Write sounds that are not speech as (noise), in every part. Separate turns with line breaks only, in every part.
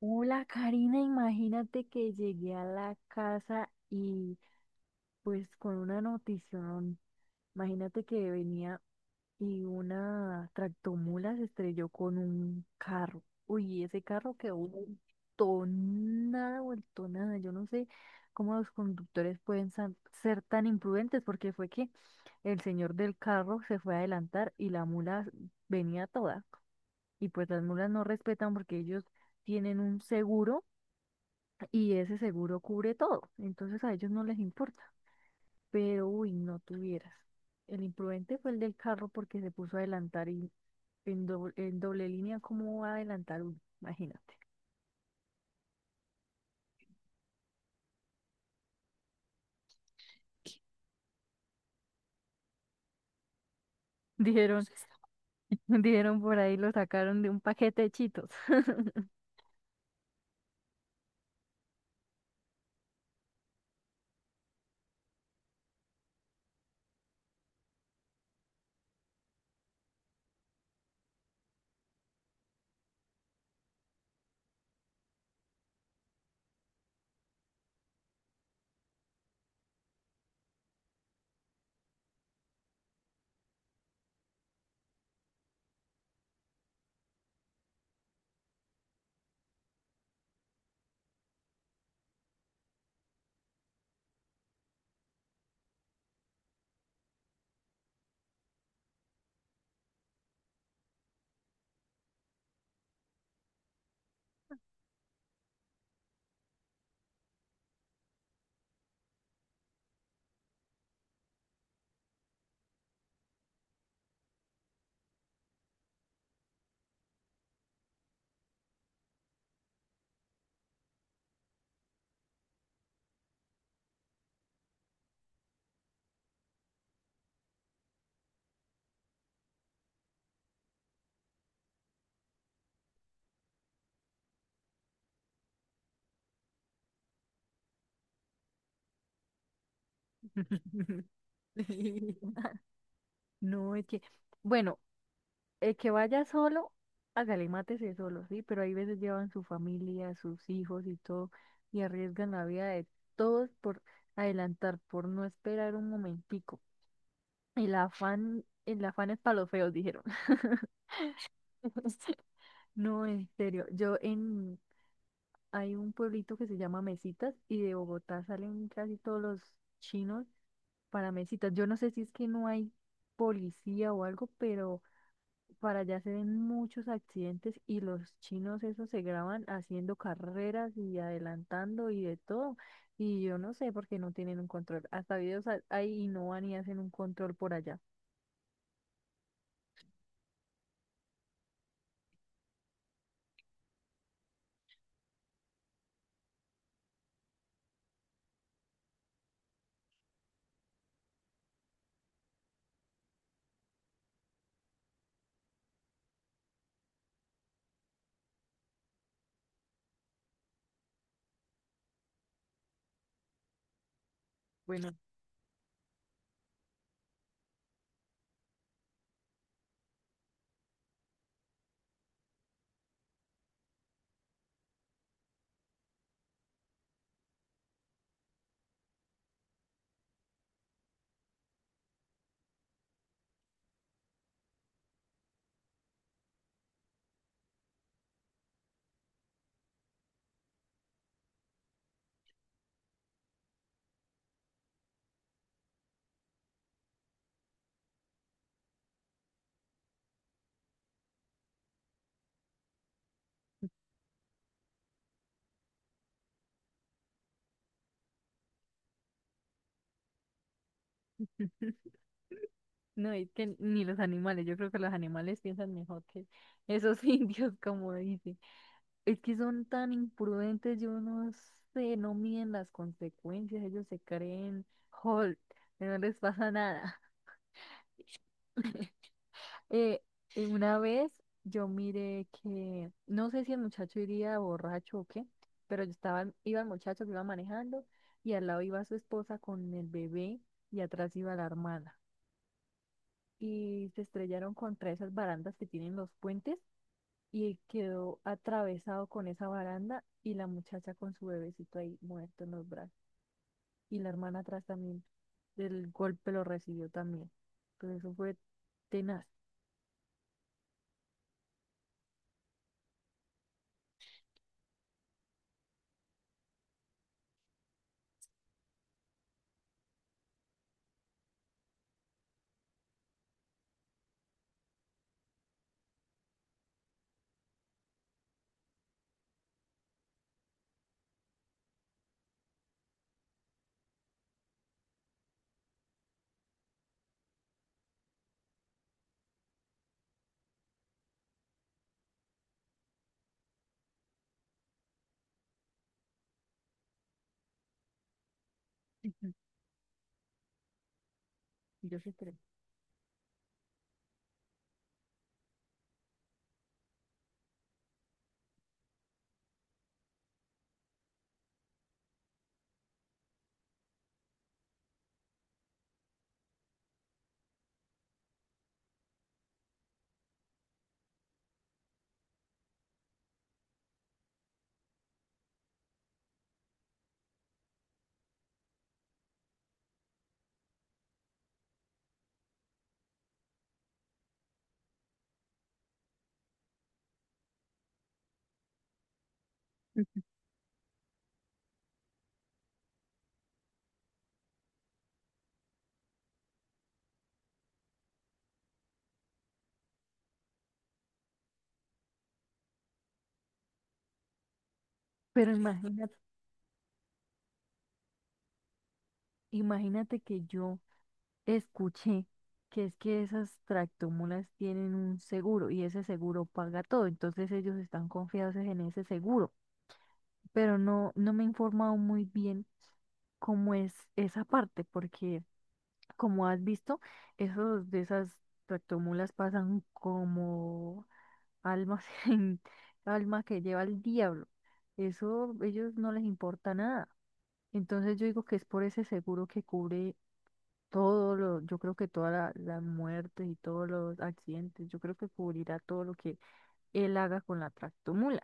Hola, Karina, imagínate que llegué a la casa y pues con una notición, imagínate que venía y una tractomula se estrelló con un carro. Uy, ese carro quedó vuelto nada, vuelto nada. Yo no sé cómo los conductores pueden ser tan imprudentes porque fue que el señor del carro se fue a adelantar y la mula venía toda. Y pues las mulas no respetan porque ellos tienen un seguro y ese seguro cubre todo, entonces a ellos no les importa. Pero, uy, no tuvieras. El imprudente fue el del carro porque se puso a adelantar y en doble línea, ¿cómo va a adelantar uno? Imagínate. Dijeron, (laughs) dijeron por ahí, lo sacaron de un paquete de chitos. (laughs) (laughs) No, es que, bueno, el que vaya solo, hágale, mátese solo, sí, pero hay veces llevan su familia, sus hijos y todo, y arriesgan la vida de todos por adelantar, por no esperar un momentico. El afán es para los feos, dijeron. (laughs) No, en serio, hay un pueblito que se llama Mesitas y de Bogotá salen casi todos los chinos para Mesitas. Yo no sé si es que no hay policía o algo, pero para allá se ven muchos accidentes y los chinos esos se graban haciendo carreras y adelantando y de todo. Y yo no sé por qué no tienen un control. Hasta hay y no van y hacen un control por allá. Bueno, (laughs) no, es que ni los animales, yo creo que los animales piensan mejor que esos (laughs) indios, como dicen. Es que son tan imprudentes, yo no sé, no miden las consecuencias, ellos se creen Hulk, no les pasa nada. Eh, una vez yo miré que, no sé si el muchacho iría borracho o qué, pero yo estaba, iba el muchacho que iba manejando y al lado iba su esposa con el bebé y atrás iba la hermana. Y se estrellaron contra esas barandas que tienen los puentes y quedó atravesado con esa baranda y la muchacha con su bebecito ahí muerto en los brazos. Y la hermana atrás también, del golpe lo recibió también. Entonces eso fue tenaz. (laughs) Y yo se estresé. Pero imagínate, imagínate que yo escuché que es que esas tractomulas tienen un seguro y ese seguro paga todo, entonces ellos están confiados en ese seguro, pero no, no me he informado muy bien cómo es esa parte, porque como has visto, esos de esas tractomulas pasan como almas (laughs) en alma que lleva el diablo. Eso ellos no les importa nada. Entonces yo digo que es por ese seguro que cubre todo lo, yo creo que todas las muertes y todos los accidentes, yo creo que cubrirá todo lo que él haga con la tractomula,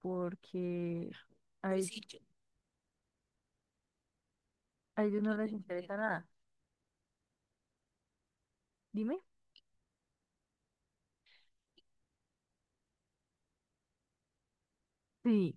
porque a pues ellos, sí, yo, a ellos no yo les tengo que... interesa nada. Dime. Sí,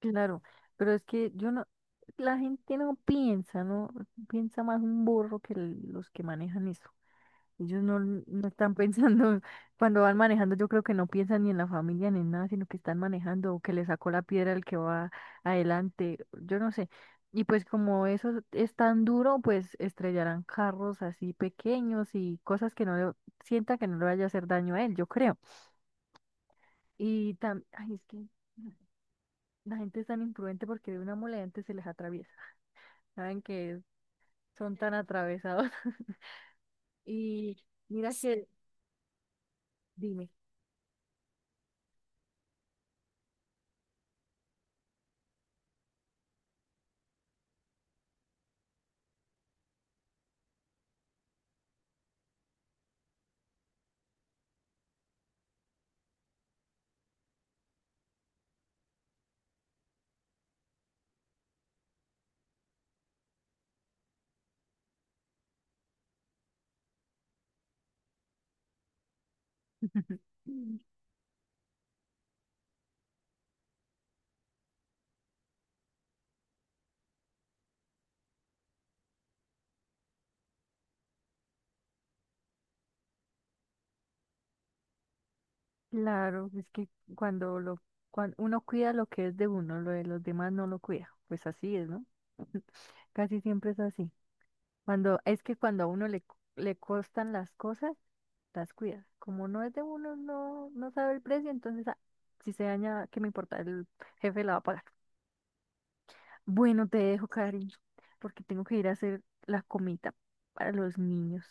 claro, pero es que yo no, la gente no piensa, no piensa más un burro que los que manejan eso. Ellos no, no están pensando, (laughs) cuando van manejando, yo creo que no piensan ni en la familia ni en nada, sino que están manejando o que le sacó la piedra el que va adelante, yo no sé. Y pues como eso es tan duro, pues estrellarán carros así pequeños y cosas que no le, sienta que no le vaya a hacer daño a él, yo creo. Y también, ay, es que la gente es tan imprudente porque de una mole antes se les atraviesa. Saben que son tan atravesados. (laughs) Y mira que, dime. (laughs) Claro, es que cuando lo, cuando uno cuida lo que es de uno, lo de los demás no lo cuida. Pues así es, ¿no? (laughs) Casi siempre es así. Cuando, es que cuando a uno le costan las cosas, las cuida. Como no es de uno, no, no sabe el precio, entonces ah, si se daña, ¿qué me importa? El jefe la va a pagar. Bueno, te dejo, cariño, porque tengo que ir a hacer la comida para los niños.